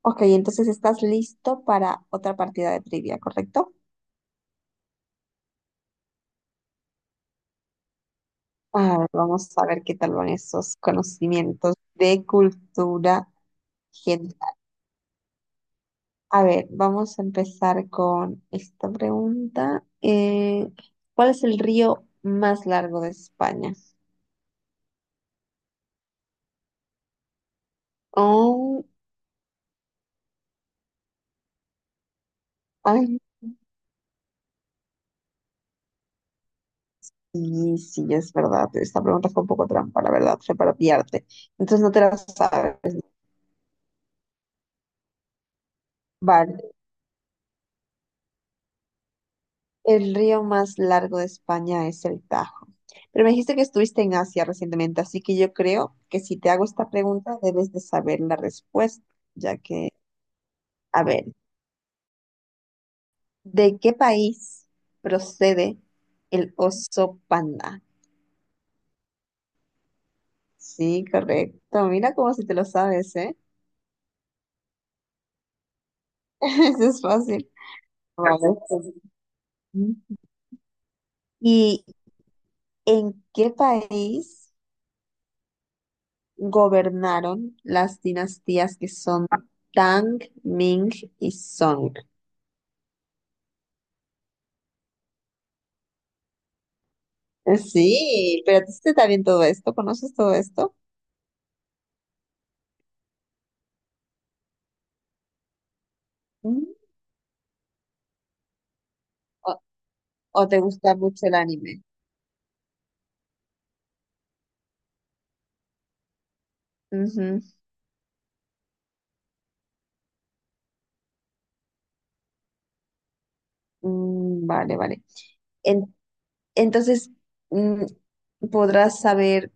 Ok, entonces estás listo para otra partida de trivia, ¿correcto? A ver, vamos a ver qué tal van esos conocimientos de cultura general. A ver, vamos a empezar con esta pregunta. ¿Cuál es el río más largo de España? Oh, ay, sí, sí, es verdad. Esta pregunta fue un poco trampa, la verdad, fue para pillarte. Entonces no te la sabes, ¿no? Vale. El río más largo de España es el Tajo. Pero me dijiste que estuviste en Asia recientemente, así que yo creo que si te hago esta pregunta debes de saber la respuesta, ya que, a ver, ¿de qué país procede el oso panda? Sí, correcto. Mira cómo si te lo sabes, ¿eh? Eso es fácil. Vale, pues. ¿Y en qué país gobernaron las dinastías que son Tang, Ming y Song? Sí, pero a ti sí te está bien todo esto, ¿conoces todo esto? Mm. ¿O, o te gusta mucho el anime? Ujú. Mm, vale, vale. En- entonces, mm, podrás saber,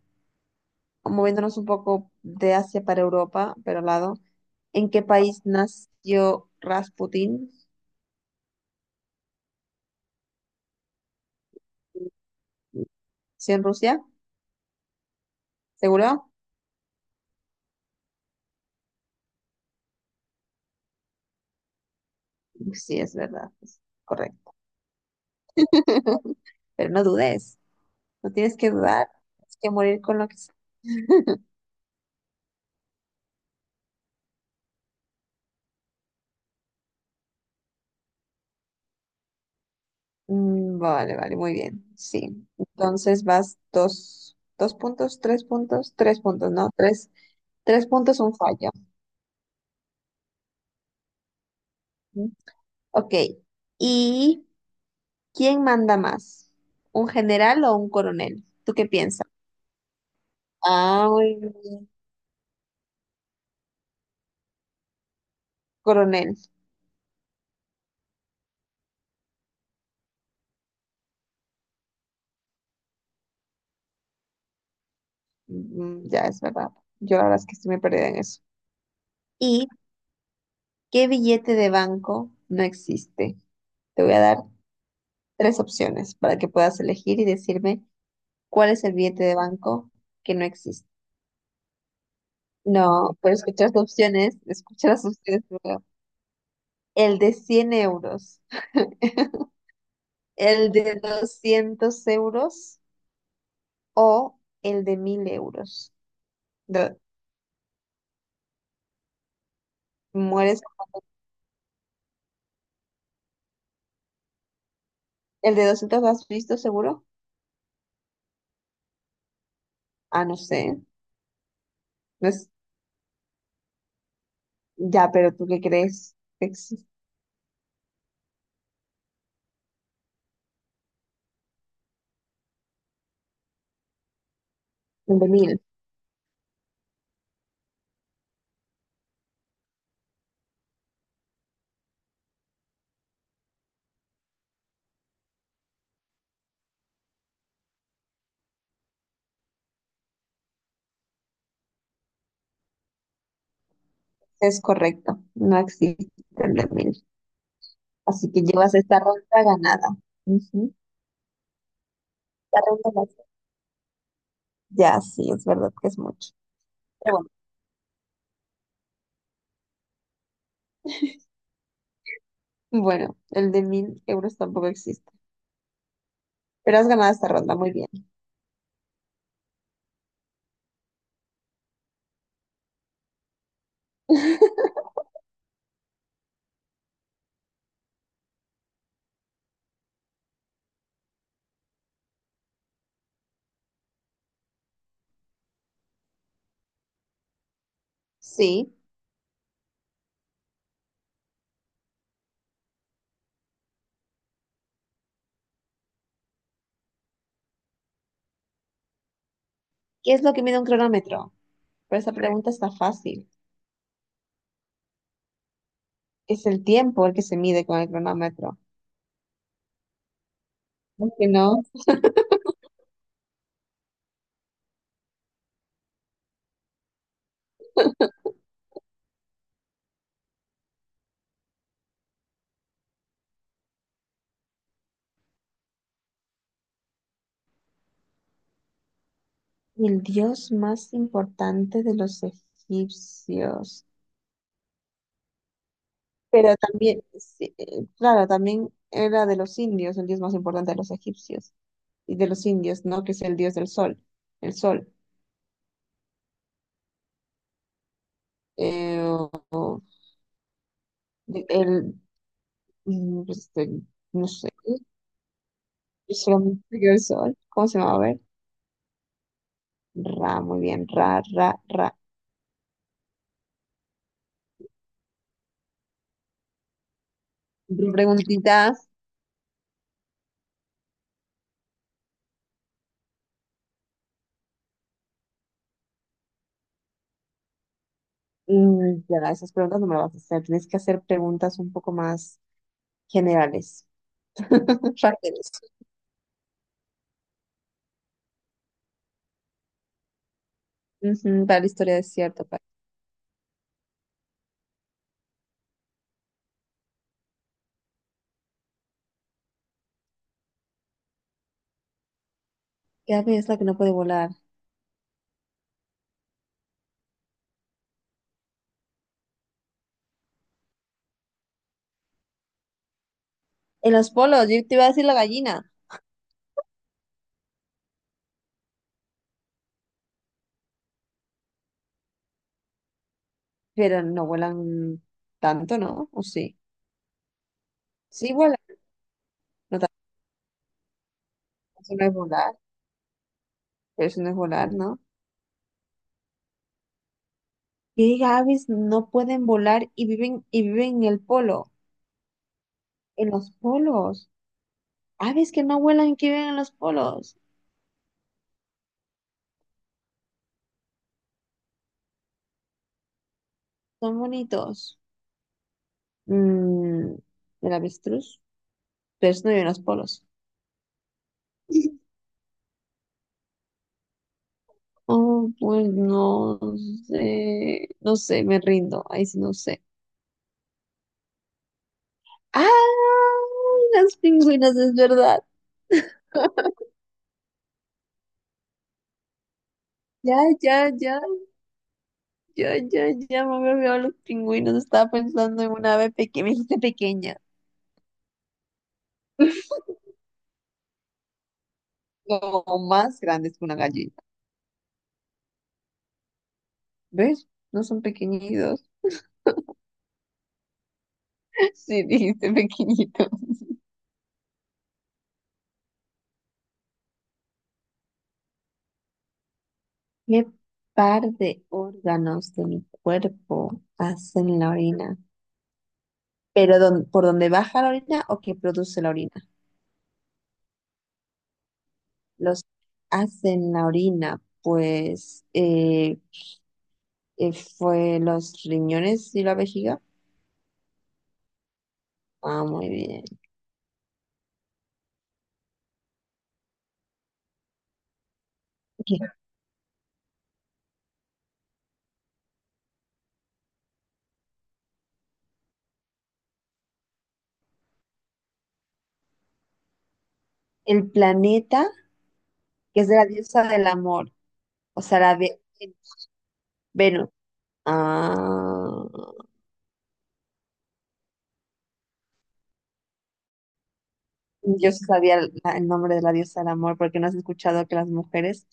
moviéndonos un poco de Asia para Europa, pero al lado, ¿en qué país nació Rasputin? ¿Sí en Rusia? ¿Seguro? Sí, es verdad, es correcto. Pero no dudes, no tienes que dudar, tienes que morir con lo que Mm, vale, vale, muy bien. Sí. Entonces vas dos, dos puntos, tres puntos, tres puntos, ¿no? Tres, tres puntos, un fallo. Ujú. Ok. ¿Y quién manda más? ¿Un general o un coronel? ¿Tú qué piensas? Ah, muy bien. Coronel. Mm, ya es verdad. Yo la verdad es que estoy muy perdida en eso. ¿Y qué billete de banco no existe? Te voy a dar tres opciones para que puedas elegir y decirme cuál es el billete de banco que no existe. No, pero escucha las opciones, escucha las opciones, primero. El de 100 euros, el de 200 € o el de 1000 euros. De- ¿Mueres? ¿El de doscientos lo has visto seguro? Ah, no sé. No es- ya, pero ¿tú qué crees? Existe el de 1.000. Es correcto, no existe el de 1.000. Así que llevas esta ronda ganada. Ujú. La ronda ganada. Ya, sí, es verdad que es mucho. Pero bueno, bueno, el de 1.000 € tampoco existe. Pero has ganado esta ronda, muy bien. Sí. ¿Qué es lo que mide un cronómetro? Pero esa pregunta está fácil. Es el tiempo el que se mide con el cronómetro. Aunque no, el dios más importante de los egipcios. Pero también, sí, claro, también era de los indios, el dios más importante de los egipcios y de los indios, ¿no? Que es el dios del sol, el sol. Eh, o- o- de- el, mm, este, no sé, yo solamente digo el sol. ¿Cómo se llama? Ver. Ra, muy bien, ra, ra, ra. Preguntitas, ya esas preguntas no me las vas a hacer, tienes que hacer preguntas un poco más generales, rápidas. Ujú, para la historia es cierto. Para... ¿Qué ave es la que no puede volar? En los polos, yo te iba a decir la gallina, pero no vuelan tanto, ¿no? ¿O sí? Sí vuelan, no tanto, eso no es volar, pero eso no es volar, ¿no? ¿Qué aves no pueden volar y viven en el polo? En los polos. Aves que no vuelan y que viven en los polos. Son bonitos. Mm, el avestruz, pero eso no lleva los polos. Oh, pues no sé, no sé, me rindo, ahí sí no sé. ¡Ah! Las pingüinas, es verdad. Ya, ya, ya, ya, ya, ya me había olvidado los pingüinos. Estaba pensando en una ave pequeña, me dijiste pequeña, o más grandes que una gallina. ¿Ves? No son pequeñitos. Sí, dijiste pequeñitos. ¿Qué par de órganos de mi cuerpo hacen la orina? ¿Pero por dónde baja la orina o qué produce la orina? Los hacen la orina, pues fue los riñones y la vejiga. Ah, muy bien. Ok. El planeta, que es de la diosa del amor, o sea, la de Venus. Ah, yo sí sabía el el nombre de la diosa del amor porque no has escuchado que las mujeres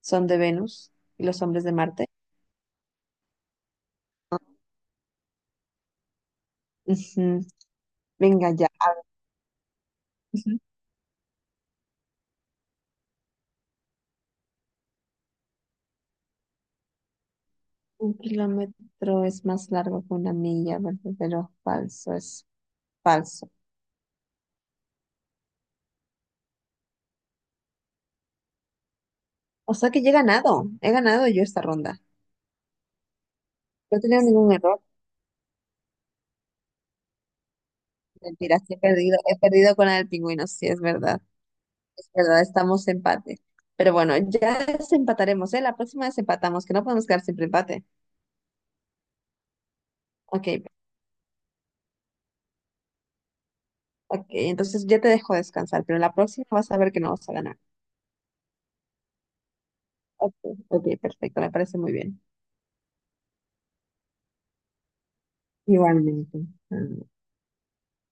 son de Venus y los hombres de Marte. Ujú. Venga ya. Ujú. Un kilómetro es más largo que una milla, ¿verdadero o falso? Es falso. O sea que ya he ganado yo esta ronda. No he tenido ningún error. Mentira, sí he perdido con la del pingüino, sí, es verdad. Es verdad, estamos empate. Pero bueno, ya desempataremos, ¿eh? La próxima desempatamos, que no podemos quedar siempre empate. Ok, ok, entonces ya te dejo descansar, pero la próxima vas a ver que no vas a ganar. Ok, ok, perfecto, me parece muy bien. Igualmente. Ah.